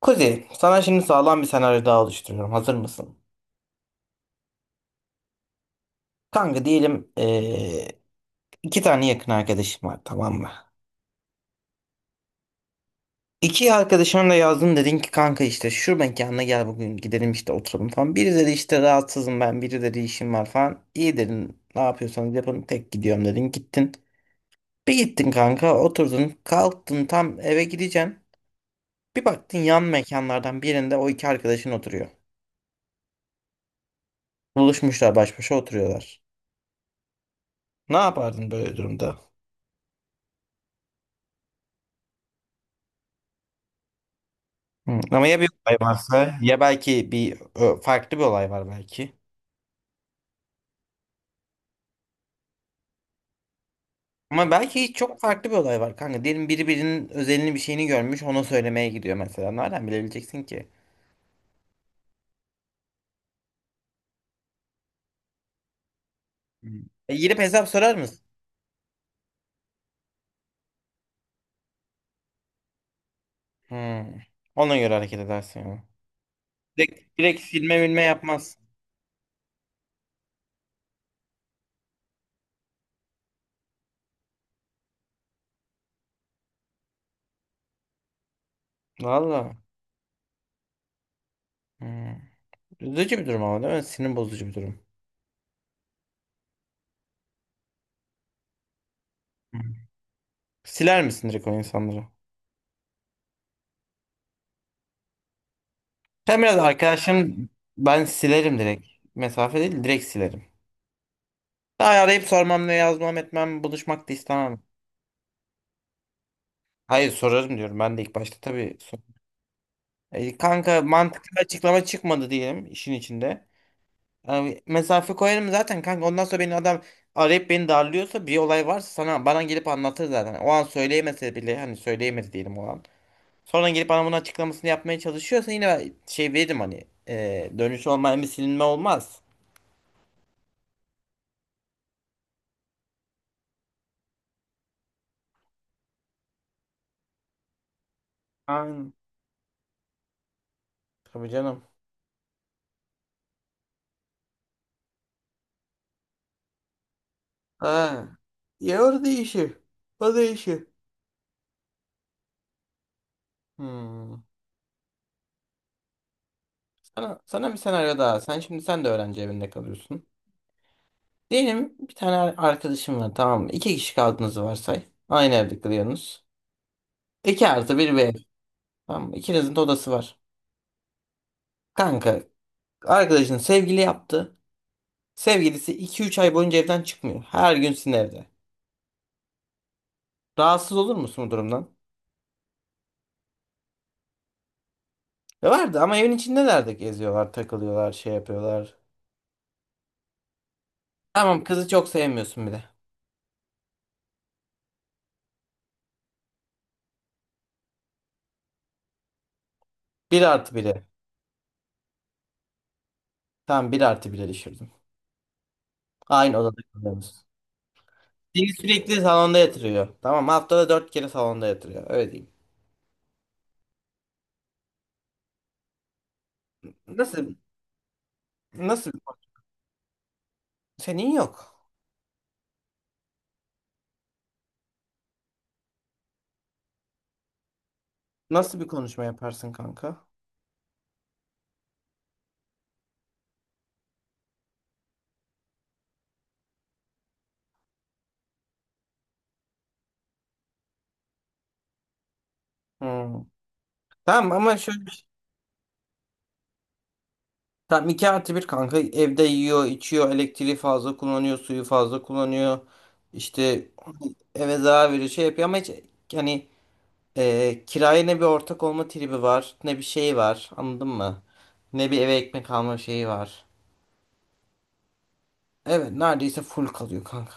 Kuzey, sana şimdi sağlam bir senaryo daha oluşturuyorum. Hazır mısın? Kanka diyelim iki tane yakın arkadaşım var, tamam mı? İki arkadaşına da yazdın, dedin ki kanka işte şu mekana gel, bugün gidelim işte oturalım falan. Biri dedi işte rahatsızım ben, biri dedi işim var falan. İyi dedin, ne yapıyorsanız yapın, tek gidiyorum dedin, gittin. Bir gittin kanka, oturdun kalktın, tam eve gideceksin. Bir baktın yan mekanlardan birinde o iki arkadaşın oturuyor. Buluşmuşlar, baş başa oturuyorlar. Ne yapardın böyle durumda? Hı, ama ya bir olay varsa, ya belki bir farklı bir olay var belki. Ama belki hiç çok farklı bir olay var kanka. Diyelim biri birinin özelini, bir şeyini görmüş, ona söylemeye gidiyor mesela. Nereden bilebileceksin ki? Hmm. E, girip hesap sorar mısın? Hı. Ona göre hareket edersin ya. Direkt silme bilme yapmaz. Valla. Hı. Üzücü bir durum ama, değil mi? Sinir bozucu bir durum. Hı. Siler misin direkt o insanları? Sen biraz arkadaşım, ben silerim direkt. Mesafe değil, direkt silerim. Daha arayıp sormam, ne yazmam etmem, buluşmak da istemem. Hayır, sorarım diyorum ben de ilk başta tabii. E, kanka mantıklı bir açıklama çıkmadı diyelim işin içinde. Yani mesafe koyarım zaten kanka, ondan sonra beni adam arayıp beni darlıyorsa, bir olay varsa sana bana gelip anlatır zaten. O an söyleyemese bile, hani söyleyemedi diyelim o an. Sonra gelip bana bunun açıklamasını yapmaya çalışıyorsa, yine ben şey veririm, hani dönüş olmayan bir silinme olmaz. Aynen. Tabii canım. Ha. Ya orada işi. O da işi. Hmm. Sana bir senaryo daha. Sen şimdi, sen de öğrenci evinde kalıyorsun. Diyelim bir tane arkadaşım var, tamam mı? İki kişi kaldığınızı varsay. Aynı evde kalıyorsunuz. İki artı bir bir ev. Tamam mı? İkinizin de odası var. Kanka arkadaşın sevgili yaptı. Sevgilisi iki üç ay boyunca evden çıkmıyor. Her gün sizin evde. Rahatsız olur musun bu durumdan? Ya vardı ama evin içindeler, de geziyorlar, takılıyorlar, şey yapıyorlar. Tamam, kızı çok sevmiyorsun bile. Bir artı biri. Tamam, bir artı bire düşürdüm. Aynı odada kalıyorsunuz. Seni sürekli salonda yatırıyor. Tamam, haftada dört kere salonda yatırıyor. Öyle diyeyim. Nasıl nasıl senin yok. Nasıl bir konuşma yaparsın kanka? Hmm. Tamam ama şöyle bir şey. Tamam, 2 artı 1 kanka evde yiyor, içiyor, elektriği fazla kullanıyor, suyu fazla kullanıyor. İşte eve zarar veriyor, şey yapıyor ama hiç, yani kiraya ne bir ortak olma tribi var, ne bir şey var, anladın mı? Ne bir eve ekmek alma şeyi var. Evet, neredeyse full kalıyor kanka.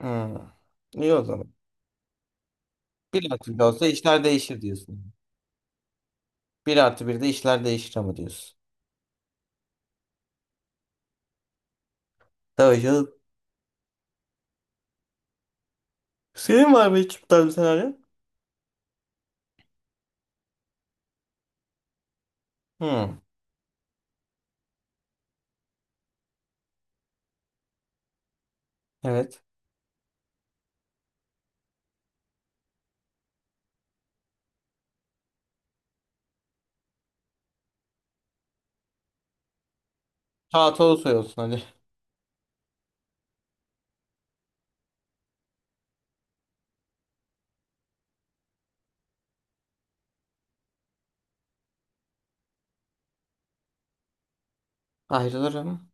Hmm. İyi o zaman. Bir artı bir olsa işler değişir diyorsun. Bir artı bir de işler değişir ama diyorsun. Tabii canım. Senin var mı hiç bu tarz bir senaryo? Hmm, evet. Rahat Ulusoy olsun hadi. Ayrılırım.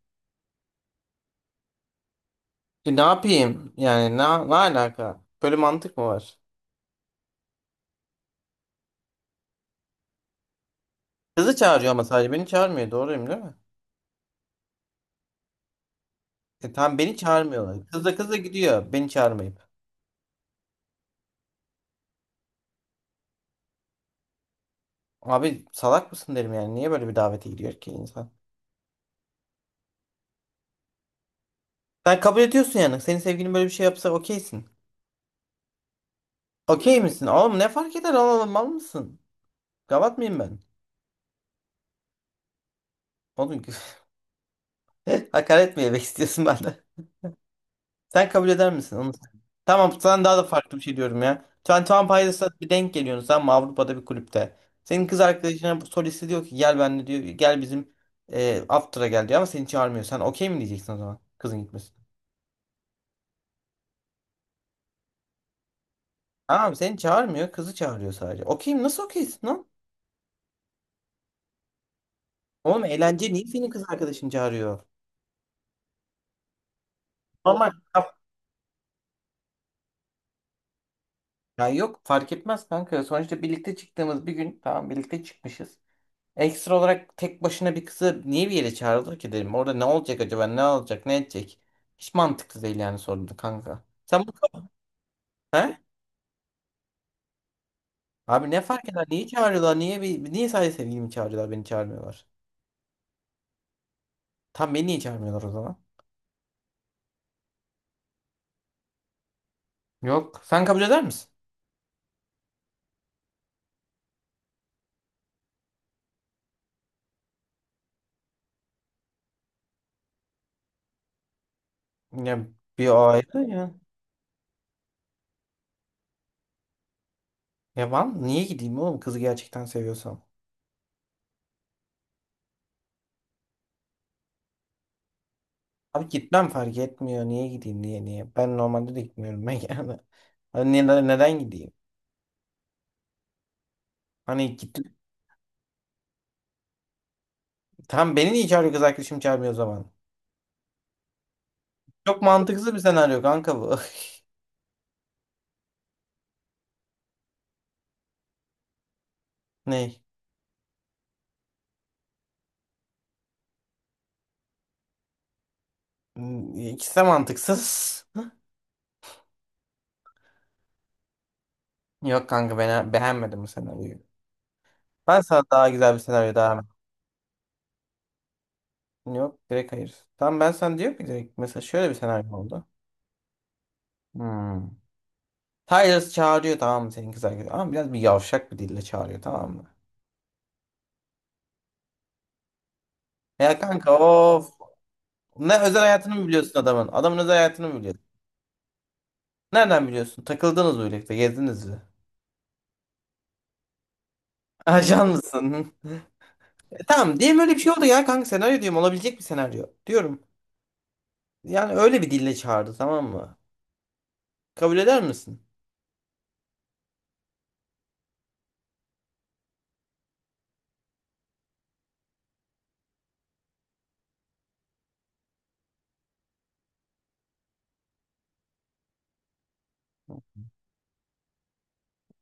E, ne yapayım? Yani ne alaka? Böyle mantık mı var? Kızı çağırıyor ama sadece beni çağırmıyor. Doğruyum, değil mi? E tamam, beni çağırmıyorlar. Kız da gidiyor, beni çağırmayıp. Abi salak mısın derim yani. Niye böyle bir davete gidiyor ki insan? Sen kabul ediyorsun yani. Senin sevgilin böyle bir şey yapsa okeysin. Okey misin? Oğlum, ne fark eder? Oğlum, mal mısın? Gavat mıyım ben? Oğlum hakaret mi yemek istiyorsun benden? Sen kabul eder misin onu? Tamam, sana daha da farklı bir şey diyorum ya. Sen Tom Pilots'a bir denk geliyorsun sen Avrupa'da bir kulüpte. Senin kız arkadaşına bu solisti diyor ki gel benimle diyor, gel bizim after'a gel diyor ama seni çağırmıyor. Sen okey mi diyeceksin o zaman, kızın gitmesin? Tamam, seni çağırmıyor, kızı çağırıyor sadece. Okey mi? Nasıl okeysin lan? Oğlum, eğlence niye senin kız arkadaşını çağırıyor? Normal. Ya yok, fark etmez kanka. Sonuçta birlikte çıktığımız bir gün, tamam, birlikte çıkmışız. Ekstra olarak tek başına bir kızı niye bir yere çağırılır ki dedim. Orada ne olacak acaba? Ne olacak? Ne edecek? Hiç mantıklı değil yani, sordu kanka. Sen bu. He? Abi ne fark eder? Niye çağırıyorlar? Niye sadece sevgilimi çağırıyorlar? Beni çağırmıyorlar. Tam beni niye çağırmıyorlar o zaman? Yok. Sen kabul eder misin? Ya bir o ayrı ya. Ya ben niye gideyim oğlum, kızı gerçekten seviyorsam? Abi gitmem, fark etmiyor. Niye gideyim, niye niye? Ben normalde de gitmiyorum ben yani. Hani neden gideyim? Hani gittim. Tam beni niye çağırıyor, kız arkadaşım çağırmıyor o zaman? Çok mantıksız bir senaryo kanka bu. Ney? Hmm, İkisi de mantıksız. Yok kanka, ben beğenmedim bu senaryoyu. Ben sana daha güzel bir senaryo daha. Yok, direkt hayır. Tamam, ben sana diyorum ki direkt mesela şöyle bir senaryo oldu. Hmm. Tyler çağırıyor, tamam mı, senin kız arkadaşı ama biraz bir yavşak bir dille çağırıyor, tamam mı? Ya kanka, of. Ne, özel hayatını mı biliyorsun adamın? Adamın özel hayatını mı biliyorsun? Nereden biliyorsun? Takıldınız mı birlikte? Gezdiniz mi? Ajan mısın? E, tamam, diyelim öyle bir şey oldu ya kanka, senaryo diyorum, olabilecek bir senaryo. Diyorum. Yani öyle bir dille çağırdı, tamam mı? Kabul eder misin?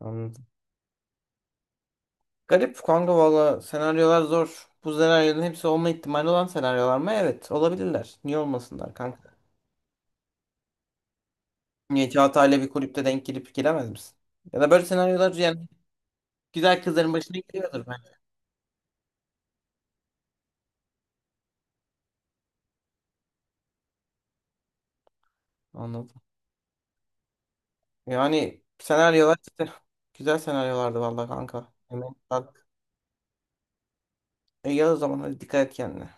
Anladım. Garip kanka, valla senaryolar zor. Bu senaryoların hepsi olma ihtimali olan senaryolar mı? Evet, olabilirler. Niye olmasınlar kanka? Niye Çağatay'la bir kulüpte denk gelip giremez misin? Ya da böyle senaryolar yani güzel kızların başına geliyordur bence. Anladım. Yani senaryolar işte güzel senaryolardı valla kanka. Emin ol. İyi o zaman, hadi dikkat et kendine.